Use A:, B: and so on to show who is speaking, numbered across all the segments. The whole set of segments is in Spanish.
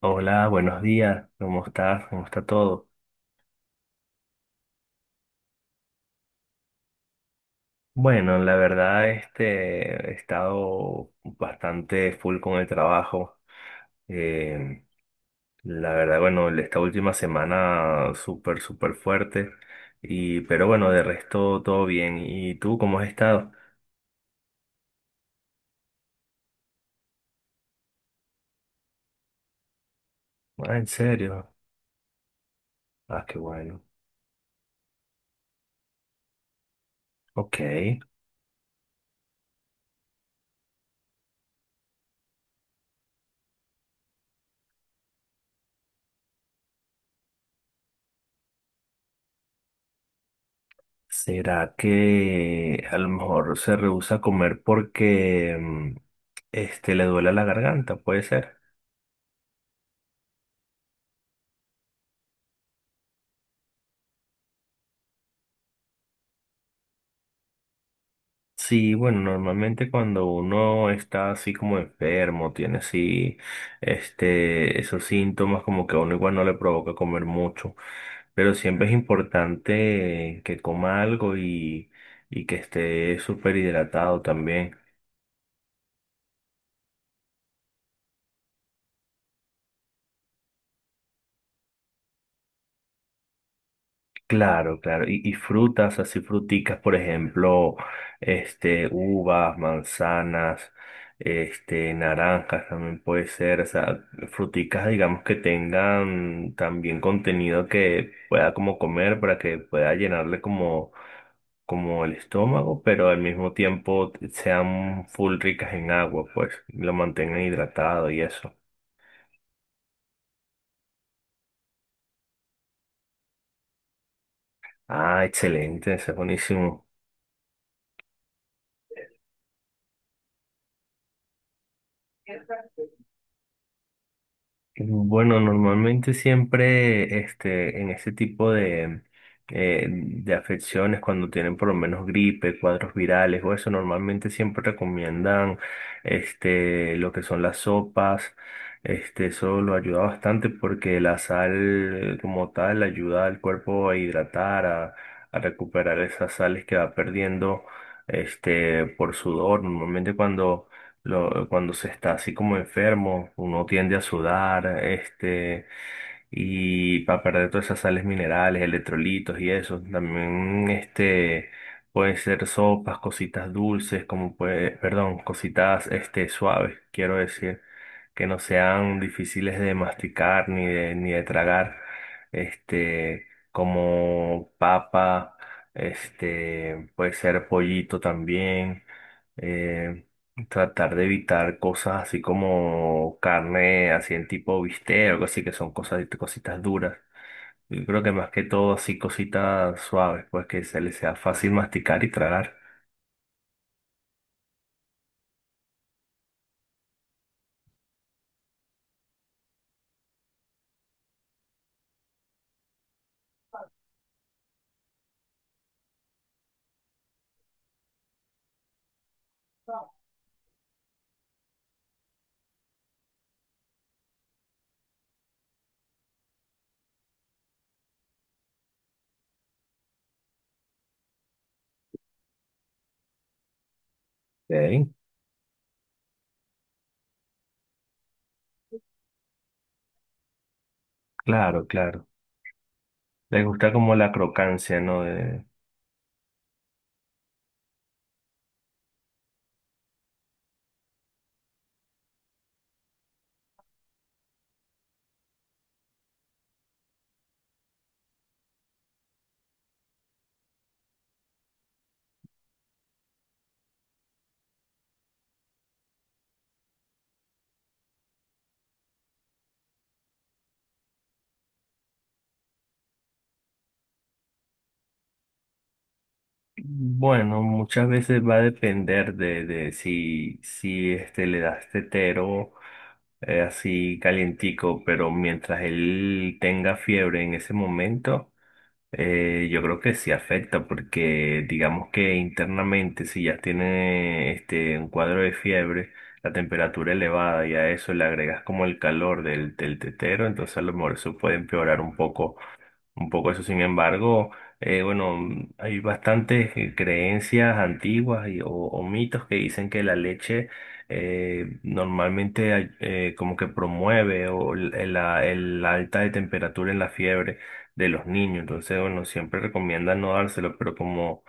A: Hola, buenos días, ¿cómo estás? ¿Cómo está todo? Bueno, la verdad, he estado bastante full con el trabajo. Eh, la verdad, bueno, esta última semana súper, súper fuerte. Pero bueno, de resto todo bien. ¿Y tú cómo has estado? Ah, ¿en serio? Ah, qué bueno. Ok. ¿Será que a lo mejor se rehúsa a comer porque le duele la garganta? ¿Puede ser? Sí, bueno, normalmente cuando uno está así como enfermo, tiene así, esos síntomas como que a uno igual no le provoca comer mucho, pero siempre es importante que coma algo y que esté súper hidratado también. Claro, claro. Y frutas, así fruticas, por ejemplo, uvas, manzanas, naranjas también puede ser. O sea, fruticas, digamos, que tengan también contenido que pueda como comer para que pueda llenarle como, como el estómago, pero al mismo tiempo sean full ricas en agua, pues, y lo mantengan hidratado y eso. Ah, excelente, eso es buenísimo. Bueno, normalmente siempre en ese tipo de afecciones, cuando tienen por lo menos gripe, cuadros virales o eso, normalmente siempre recomiendan lo que son las sopas. Eso lo ayuda bastante porque la sal como tal ayuda al cuerpo a hidratar, a recuperar esas sales que va perdiendo por sudor. Normalmente cuando cuando se está así como enfermo, uno tiende a sudar, y para perder todas esas sales minerales, electrolitos y eso. También, pueden ser sopas, cositas dulces, como puede, perdón, cositas, suaves, quiero decir, que no sean difíciles de masticar ni de, ni de tragar, este, como papa, puede ser pollito también. eh, Tratar de evitar cosas así como carne, así en tipo bistec o algo así, que son cosas, cositas duras. Yo creo que más que todo así cositas suaves, pues que se les sea fácil masticar y tragar. Ok. Claro, claro. Les gusta como la crocancia, ¿no? De- Bueno, muchas veces va a depender de si, si le das tetero así calientico, pero mientras él tenga fiebre en ese momento. Yo creo que sí afecta porque digamos que internamente si ya tiene un cuadro de fiebre, la temperatura elevada y a eso le agregas como el calor del tetero, entonces a lo mejor eso puede empeorar un poco eso, sin embargo, bueno, mm, hay bastantes creencias antiguas o mitos que dicen que la leche normalmente como que promueve o el la alta de temperatura en la fiebre de los niños. Entonces, bueno, siempre recomiendan no dárselo, pero como,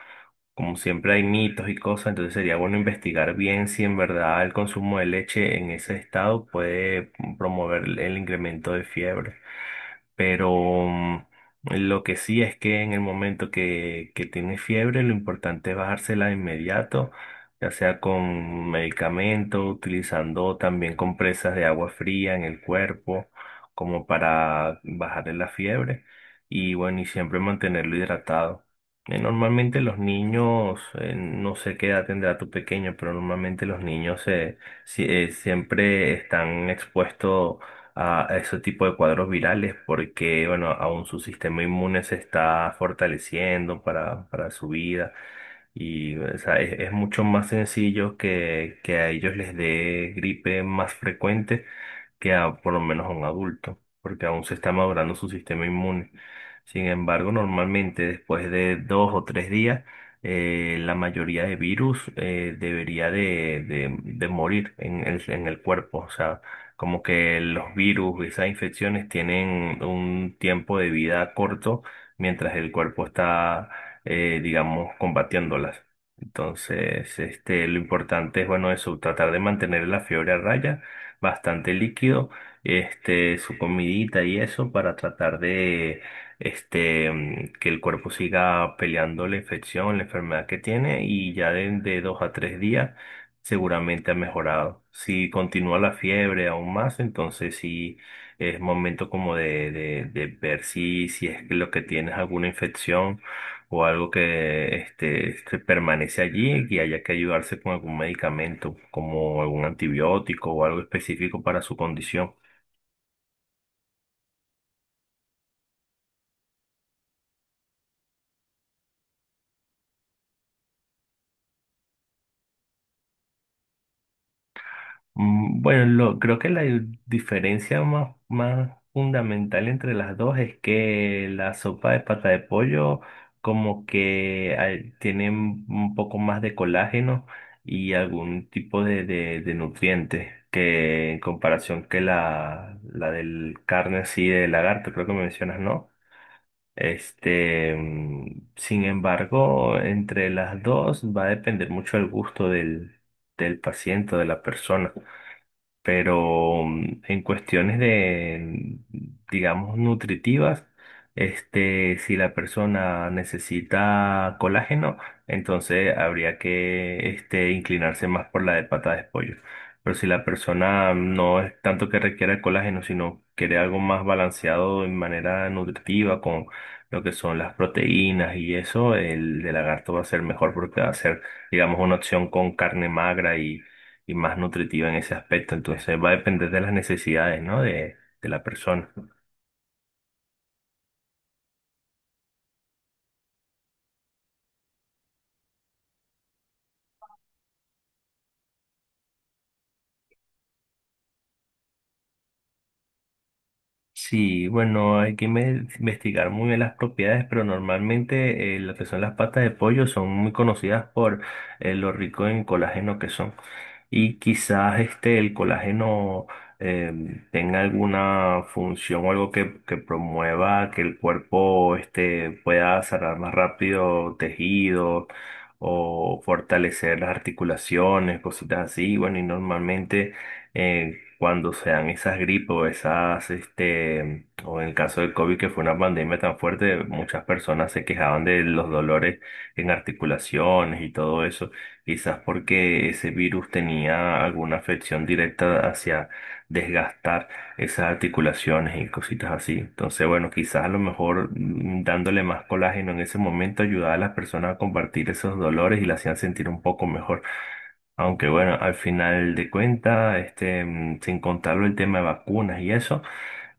A: como siempre hay mitos y cosas, entonces sería bueno investigar bien si en verdad el consumo de leche en ese estado puede promover el incremento de fiebre. Pero lo que sí es que en el momento que tiene fiebre, lo importante es bajársela de inmediato, ya sea con medicamento, utilizando también compresas de agua fría en el cuerpo, como para bajarle la fiebre. Y bueno, y siempre mantenerlo hidratado. Normalmente los niños, no sé qué edad tendrá tu pequeño, pero normalmente los niños se, si- siempre están expuestos a ese tipo de cuadros virales porque, bueno, aún su sistema inmune se está fortaleciendo para su vida. Y o sea, es mucho más sencillo que a ellos les dé gripe más frecuente que a por lo menos a un adulto, porque aún se está madurando su sistema inmune. Sin embargo, normalmente después de dos o tres días, la mayoría de virus debería de morir en el cuerpo. O sea, como que los virus, esas infecciones tienen un tiempo de vida corto mientras el cuerpo está digamos, combatiéndolas. Entonces, lo importante es, bueno, eso, tratar de mantener la fiebre a raya, bastante líquido, su comidita y eso para tratar de, que el cuerpo siga peleando la infección, la enfermedad que tiene y ya de dos a tres días seguramente ha mejorado. Si continúa la fiebre aún más, entonces sí es momento como de ver si, si es que lo que tienes alguna infección o algo que se permanece allí y haya que ayudarse con algún medicamento, como algún antibiótico o algo específico para su condición. Mm. Bueno, creo que la diferencia más, más fundamental entre las dos es que la sopa de pata de pollo como que tiene un poco más de colágeno y algún tipo de, de nutrientes que en comparación que la del carne así de lagarto, creo que me mencionas, ¿no? Sin embargo, entre las dos va a depender mucho el gusto del, del paciente o de la persona, pero en cuestiones de, digamos, nutritivas, si la persona necesita colágeno, entonces habría que, inclinarse más por la de pata de pollo. Pero si la persona no es tanto que requiera el colágeno, sino quiere algo más balanceado en manera nutritiva con lo que son las proteínas y eso, el de lagarto va a ser mejor porque va a ser, digamos, una opción con carne magra y más nutritiva en ese aspecto. Entonces va a depender de las necesidades, ¿no? De la persona. Sí, bueno, hay que investigar muy bien las propiedades, pero normalmente lo que son las patas de pollo son muy conocidas por lo rico en colágeno que son. Y quizás el colágeno eh, tenga alguna función o algo que promueva que el cuerpo pueda sanar más rápido tejidos o fortalecer las articulaciones, cositas así. Bueno, y normalmente eh, cuando sean esas gripes o esas, o en el caso del COVID, que fue una pandemia tan fuerte, muchas personas se quejaban de los dolores en articulaciones y todo eso, quizás porque ese virus tenía alguna afección directa hacia desgastar esas articulaciones y cositas así. Entonces, bueno, quizás a lo mejor dándole más colágeno en ese momento ayudaba a las personas a compartir esos dolores y las hacían sentir un poco mejor. Aunque bueno, al final de cuentas, sin contarlo el tema de vacunas y eso,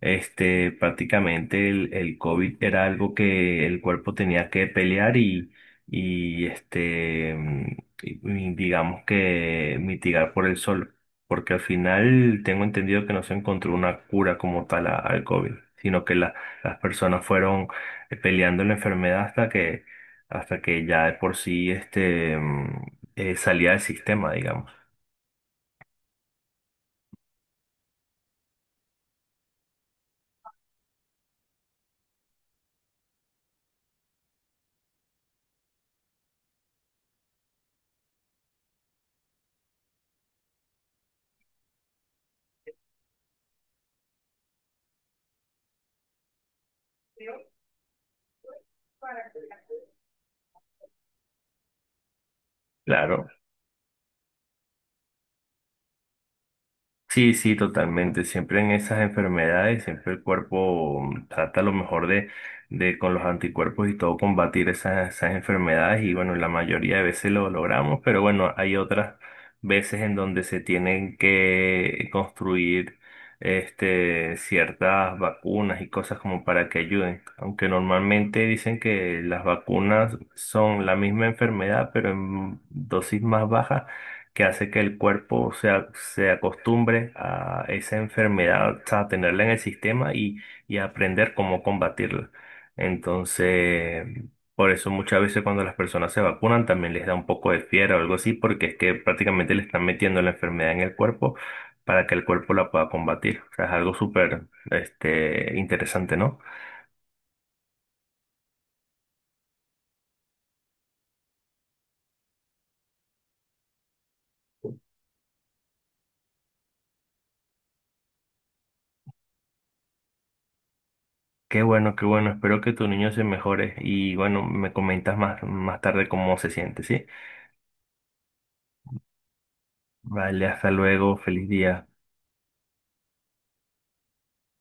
A: prácticamente el COVID era algo que el cuerpo tenía que pelear y y digamos que mitigar por el sol. Porque al final tengo entendido que no se encontró una cura como tal al COVID, sino que las personas fueron peleando la enfermedad hasta que ya de por sí, salida del sistema, digamos. Claro, sí, sí, totalmente. Siempre en esas enfermedades, siempre el cuerpo trata lo mejor de con los anticuerpos y todo combatir esas, esas enfermedades y bueno, la mayoría de veces lo logramos, pero bueno, hay otras veces en donde se tienen que construir ciertas vacunas y cosas como para que ayuden. Aunque normalmente dicen que las vacunas son la misma enfermedad, pero en dosis más bajas que hace que el cuerpo se acostumbre a esa enfermedad, o sea, a tenerla en el sistema y a aprender cómo combatirla. Entonces, por eso muchas veces cuando las personas se vacunan también les da un poco de fiebre o algo así, porque es que prácticamente le están metiendo la enfermedad en el cuerpo para que el cuerpo la pueda combatir. O sea, es algo súper, interesante, ¿no? Qué bueno, qué bueno. Espero que tu niño se mejore y bueno, me comentas más, más tarde cómo se siente, ¿sí? Vale, hasta luego, feliz día.